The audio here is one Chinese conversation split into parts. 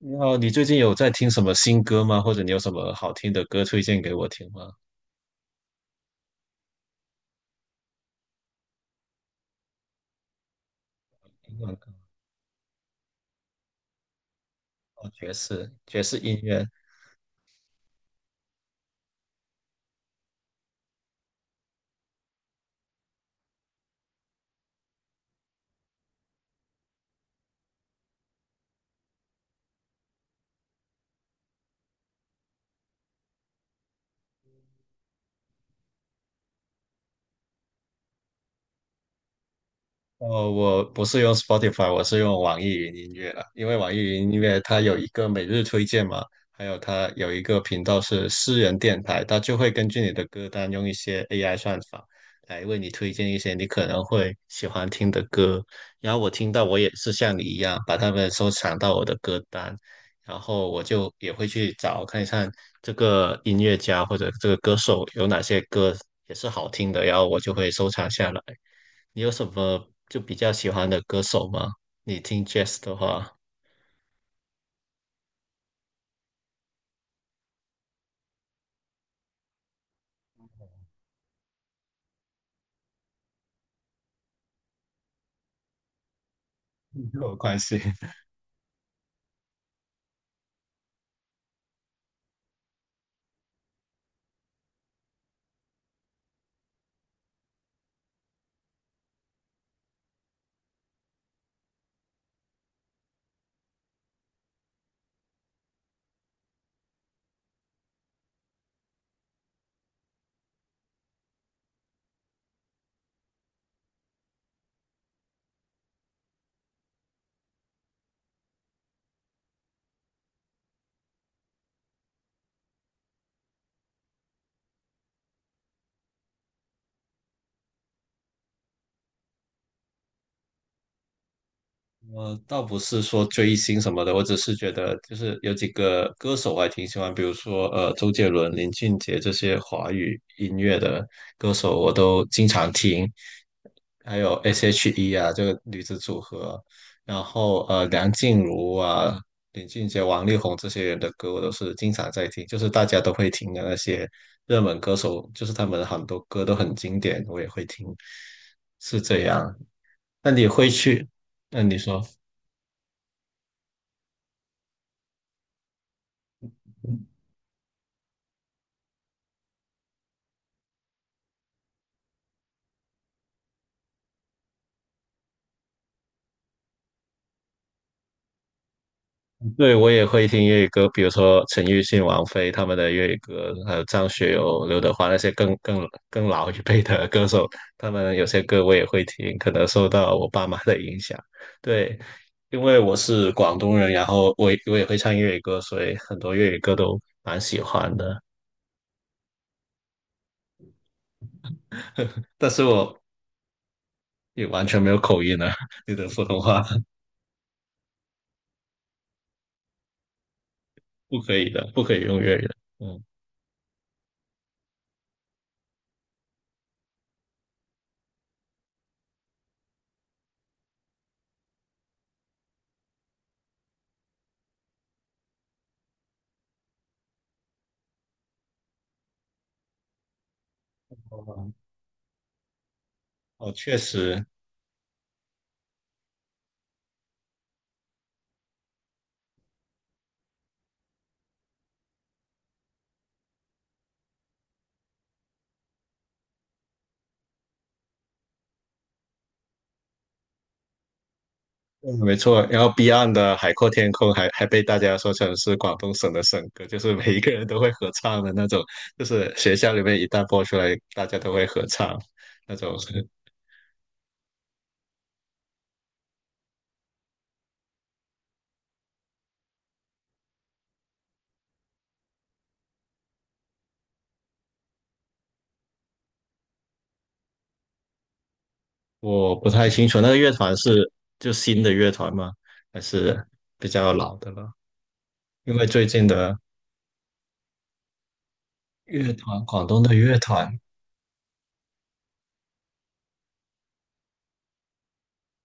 你好，你最近有在听什么新歌吗？或者你有什么好听的歌推荐给我听吗？英文歌。哦，爵士爵士音乐。哦，我不是用 Spotify，我是用网易云音乐了，因为网易云音乐它有一个每日推荐嘛，还有它有一个频道是私人电台，它就会根据你的歌单用一些 AI 算法来为你推荐一些你可能会喜欢听的歌。然后我听到我也是像你一样把它们收藏到我的歌单，然后我就也会去找看一看这个音乐家或者这个歌手有哪些歌也是好听的，然后我就会收藏下来。你有什么就比较喜欢的歌手吗？你听 jazz 的话，没有关系。我倒不是说追星什么的，我只是觉得就是有几个歌手我还挺喜欢，比如说周杰伦、林俊杰这些华语音乐的歌手，我都经常听。还有 S.H.E 啊，这个女子组合，然后梁静茹啊、林俊杰、王力宏这些人的歌，我都是经常在听，就是大家都会听的那些热门歌手，就是他们很多歌都很经典，我也会听，是这样。那你会去？那你说？对，我也会听粤语歌，比如说陈奕迅、王菲他们的粤语歌，还有张学友、刘德华那些更老一辈的歌手，他们有些歌我也会听，可能受到我爸妈的影响。对，因为我是广东人，然后我也会唱粤语歌，所以很多粤语歌都蛮喜欢的。但是我也完全没有口音啊，你的普通话 不可以的，不可以用粤语的。嗯，哦，哦确实，嗯，没错，然后 Beyond 的《海阔天空》还被大家说成是广东省的省歌，就是每一个人都会合唱的那种，就是学校里面一旦播出来，大家都会合唱那种。我不太清楚那个乐团是就新的乐团吗？还是比较老的了？因为最近的乐团，广东的乐团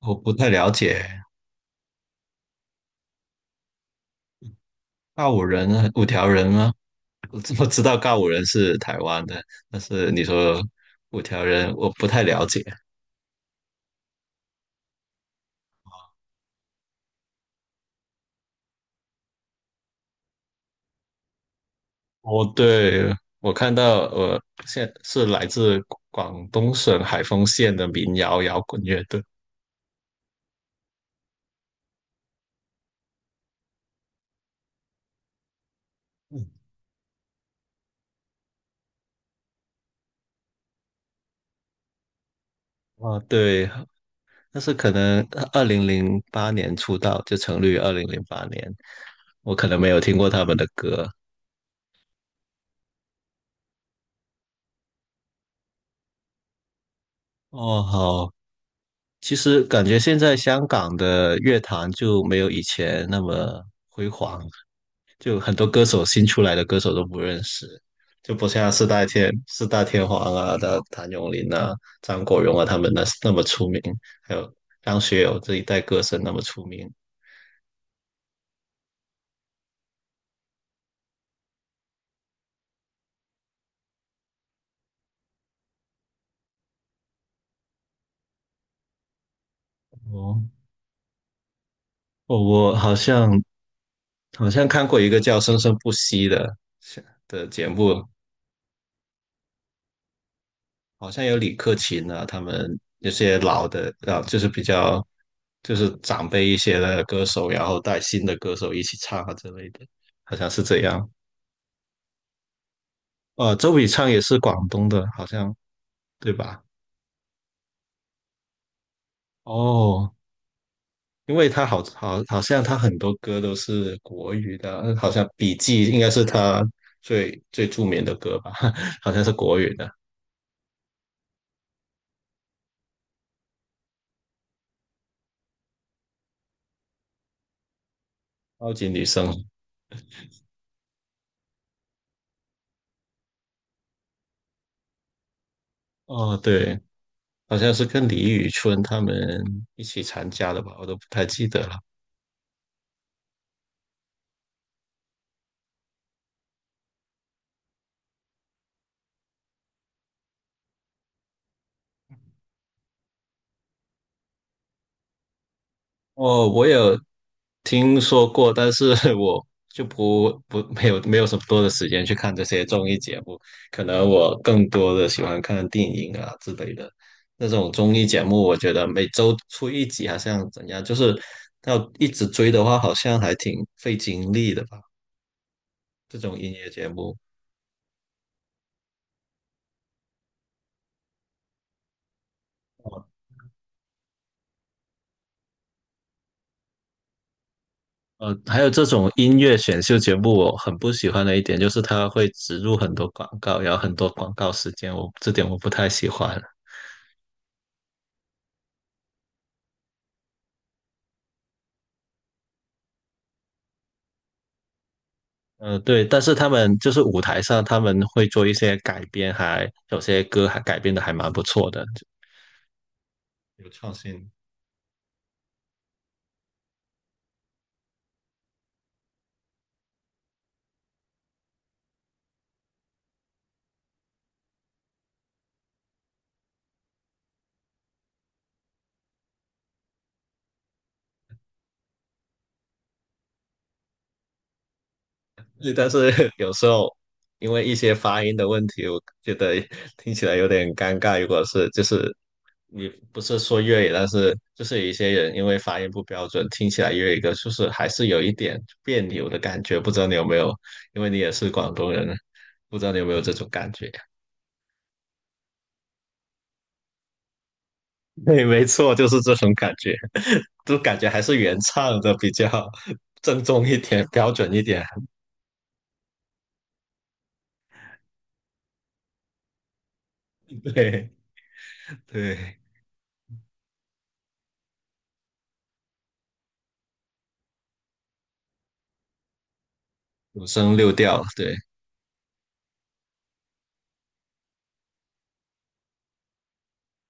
我不太了解。告五人啊，五条人吗？我知道告五人是台湾的，但是你说五条人，我不太了解。哦，对，我看到，现是来自广东省海丰县的民谣摇滚乐队。嗯，啊，对，但是可能二零零八年出道，就成立于二零零八年，我可能没有听过他们的歌。哦，好，其实感觉现在香港的乐坛就没有以前那么辉煌，就很多歌手新出来的歌手都不认识，就不像四大天王啊、的谭咏麟啊、张国荣啊他们那么出名，还有张学友这一代歌神那么出名。哦，哦，我好像看过一个叫《生生不息》的节目，好像有李克勤啊，他们有些老的啊，就是比较就是长辈一些的歌手，然后带新的歌手一起唱啊之类的，好像是这样。周笔畅也是广东的，好像对吧？哦，因为他好像他很多歌都是国语的，好像《笔记》应该是他最著名的歌吧，好像是国语的《超级女声》。哦，对，好像是跟李宇春他们一起参加的吧，我都不太记得了。哦，我有听说过，但是 我就不不没有什么多的时间去看这些综艺节目，可能我更多的喜欢看电影啊之类的那种综艺节目。我觉得每周出一集好像怎样，就是要一直追的话，好像还挺费精力的吧。这种音乐节目，哦，还有这种音乐选秀节目，我很不喜欢的一点就是它会植入很多广告，然后很多广告时间，我这点我不太喜欢。对，但是他们就是舞台上他们会做一些改编还，有些歌还改编的还蛮不错的，有创新。对但是 有时候因为一些发音的问题，我觉得听起来有点尴尬。如果是就是你不是说粤语，但是就是有一些人因为发音不标准，听起来粤语歌就是还是有一点别扭的感觉。不知道你有没有？因为你也是广东人，不知道你有没有这种感觉？对，没错，就是这种感觉。就感觉还是原唱的比较 正宗一点、标准一点。对对，五声六调。对，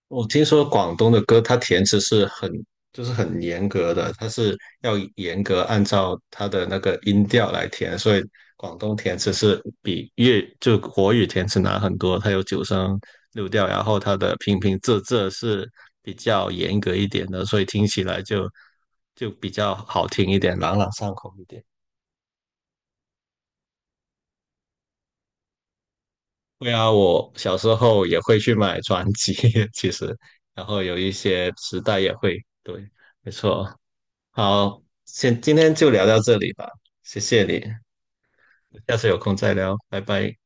我听说广东的歌，它填词是很就是很严格的，它是要严格按照它的那个音调来填，所以广东填词是比粤就国语填词难很多。它有九声六调，然后它的平平仄仄是比较严格一点的，所以听起来就比较好听一点，朗朗上口一点。对啊，我小时候也会去买专辑，其实，然后有一些磁带也会，对，没错。好，先今天就聊到这里吧，谢谢你，下次有空再聊，拜拜。